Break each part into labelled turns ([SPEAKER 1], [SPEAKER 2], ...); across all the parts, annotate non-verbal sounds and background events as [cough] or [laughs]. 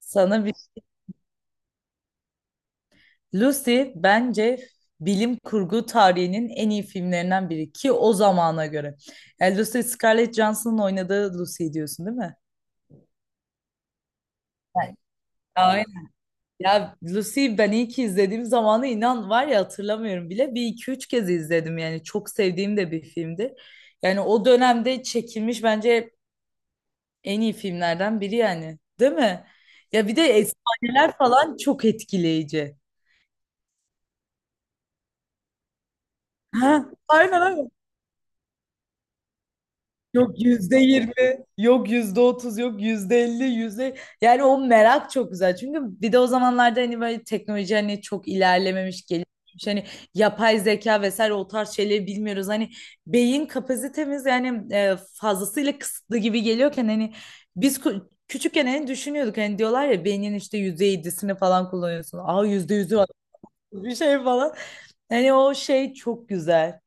[SPEAKER 1] Sana bir. Lucy bence bilim kurgu tarihinin en iyi filmlerinden biri, ki o zamana göre. Yani Lucy, Scarlett Johansson'ın oynadığı Lucy diyorsun değil mi? Evet. Aynen. Ya Lucy, ben iyi ki izlediğim zamanı, inan var ya, hatırlamıyorum bile. Bir iki üç kez izledim yani, çok sevdiğim de bir filmdi. Yani o dönemde çekilmiş bence en iyi filmlerden biri, yani değil mi? Ya bir de efsaneler falan çok etkileyici. Ha, aynen aynen. Yok %20, yok %30, yok %50, yüzde... Yani o merak çok güzel. Çünkü bir de o zamanlarda hani böyle teknoloji hani çok ilerlememiş, gelişmiş. Hani yapay zeka vesaire o tarz şeyleri bilmiyoruz. Hani beyin kapasitemiz yani fazlasıyla kısıtlı gibi geliyorken, hani biz küçükken hani düşünüyorduk. Hani diyorlar ya, beynin işte %7'sini falan kullanıyorsun. Aa, %100'ü var, [laughs] bir şey falan. Hani o şey çok güzel.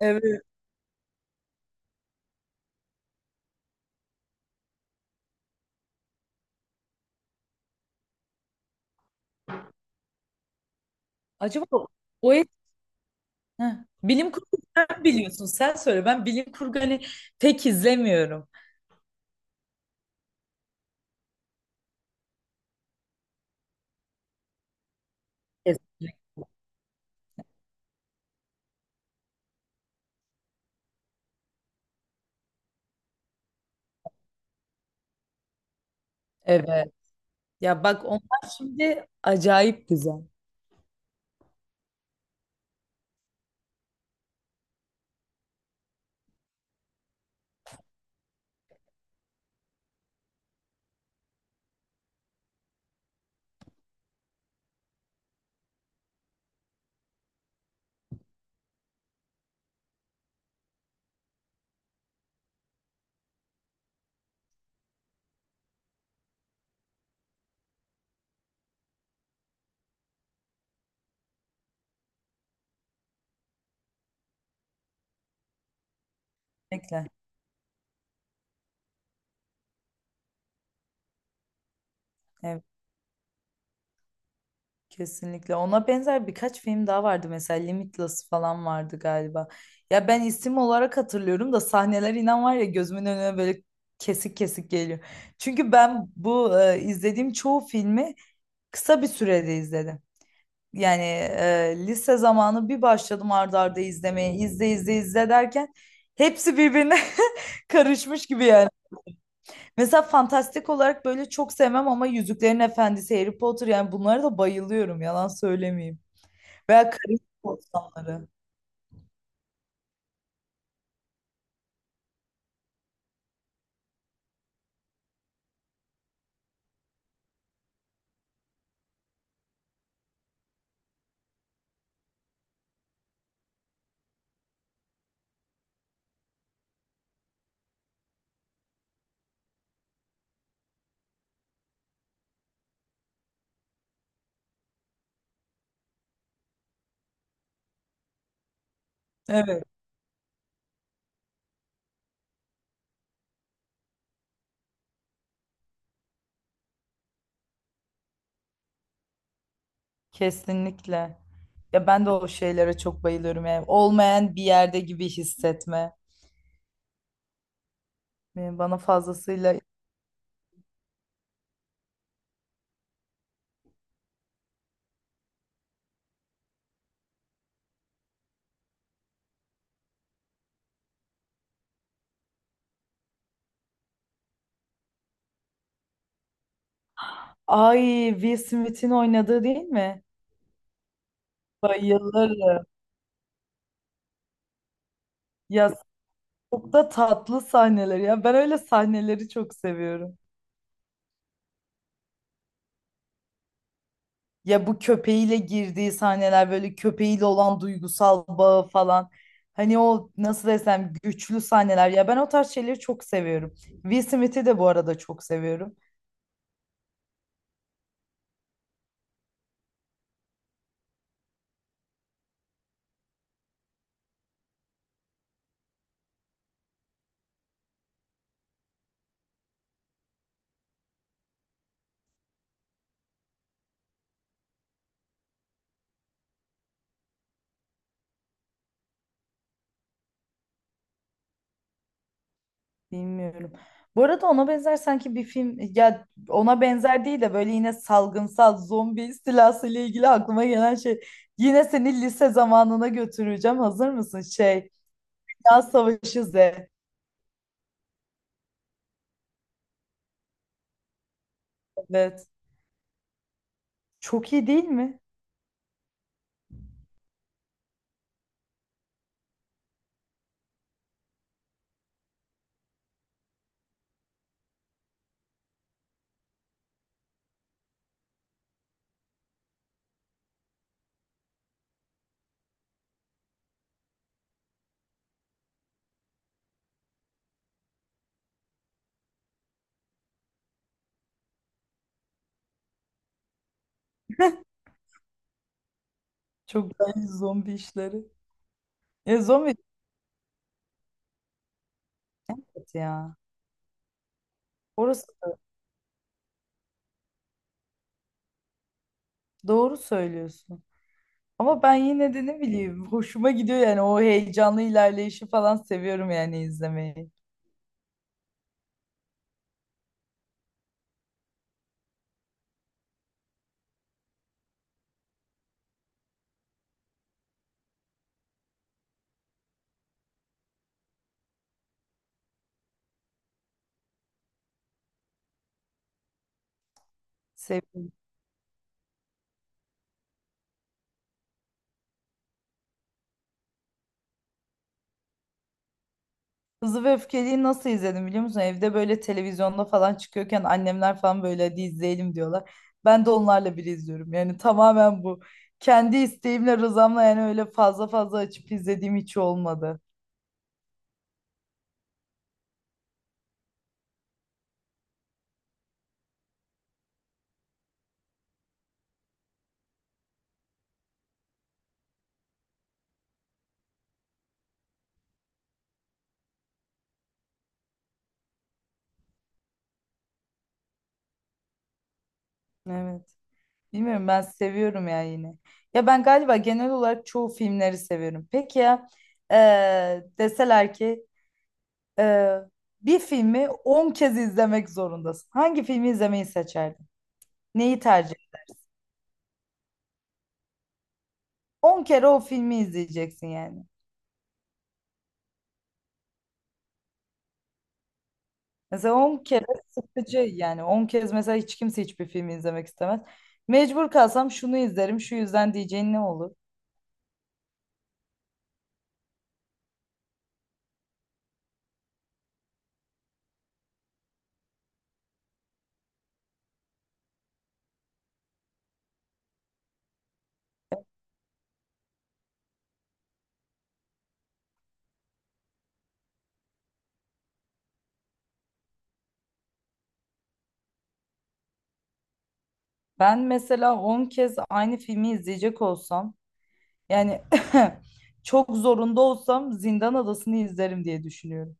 [SPEAKER 1] Evet. Acaba o. Heh. Bilim kurgu, sen biliyorsun, sen söyle. Ben bilim kurgu hani pek izlemiyorum. Kesinlikle. Evet. Ya bak, onlar şimdi acayip güzel. Kesinlikle. Evet, kesinlikle. Ona benzer birkaç film daha vardı, mesela Limitless falan vardı galiba. Ya ben isim olarak hatırlıyorum da sahneler, inan var ya, gözümün önüne böyle kesik kesik geliyor. Çünkü ben bu izlediğim çoğu filmi kısa bir sürede izledim. Yani lise zamanı bir başladım arda arda izlemeye. İzle izle izle derken hepsi birbirine [laughs] karışmış gibi yani. Mesela fantastik olarak böyle çok sevmem ama Yüzüklerin Efendisi, Harry Potter, yani bunlara da bayılıyorum, yalan söylemeyeyim. Veya Karayip Korsanları. Evet. Kesinlikle. Ya ben de o şeylere çok bayılıyorum yani. Olmayan bir yerde gibi hissetme. Yani bana fazlasıyla. Ay, Will Smith'in oynadığı değil mi? Bayılırım. Ya çok da tatlı sahneler ya. Ben öyle sahneleri çok seviyorum. Ya bu köpeğiyle girdiği sahneler, böyle köpeğiyle olan duygusal bağı falan. Hani o, nasıl desem, güçlü sahneler. Ya ben o tarz şeyleri çok seviyorum. Will Smith'i de bu arada çok seviyorum. Bilmiyorum. Bu arada ona benzer sanki bir film, ya ona benzer değil de böyle yine salgınsal zombi istilası ile ilgili aklıma gelen şey, yine seni lise zamanına götüreceğim. Hazır mısın? Şey, Dünya Savaşı Z. Evet. Çok iyi değil mi? Çok güzel zombi işleri. Ya zombi, evet ya. Orası da- doğru söylüyorsun. Ama ben yine de ne bileyim, hoşuma gidiyor yani. O heyecanlı ilerleyişi falan seviyorum yani, izlemeyi. Seviyorum. Hızlı ve Öfkeli'yi nasıl izledim biliyor musun? Evde böyle televizyonda falan çıkıyorken annemler falan böyle hadi izleyelim diyorlar. Ben de onlarla bir izliyorum. Yani tamamen bu. Kendi isteğimle, rızamla yani öyle fazla fazla açıp izlediğim hiç olmadı. Evet. Bilmiyorum, ben seviyorum ya yine. Ya ben galiba genel olarak çoğu filmleri seviyorum. Peki ya deseler ki eee, bir filmi 10 kez izlemek zorundasın. Hangi filmi izlemeyi seçerdin? Neyi tercih? 10 kere o filmi izleyeceksin yani. Mesela 10 kere sıkıcı, yani 10 kez mesela hiç kimse hiçbir filmi izlemek istemez. Mecbur kalsam şunu izlerim şu yüzden diyeceğin ne olur? Ben mesela 10 kez aynı filmi izleyecek olsam, yani [laughs] çok zorunda olsam, Zindan Adası'nı izlerim diye düşünüyorum.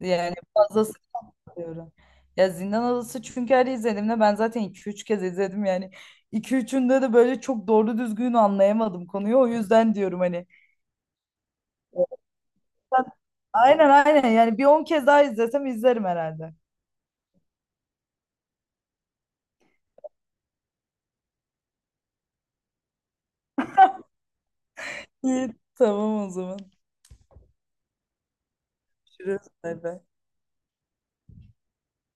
[SPEAKER 1] Yani fazla sıkılıyorum. Ya Zindan Adası, çünkü her izlediğimde, ben zaten iki üç kez izledim yani. İki 3'ünde de böyle çok doğru düzgün anlayamadım konuyu, o yüzden diyorum hani. Aynen aynen, yani bir 10 kez daha izlesem izlerim herhalde. İyi, tamam o zaman. Görüşürüz. Bay bay.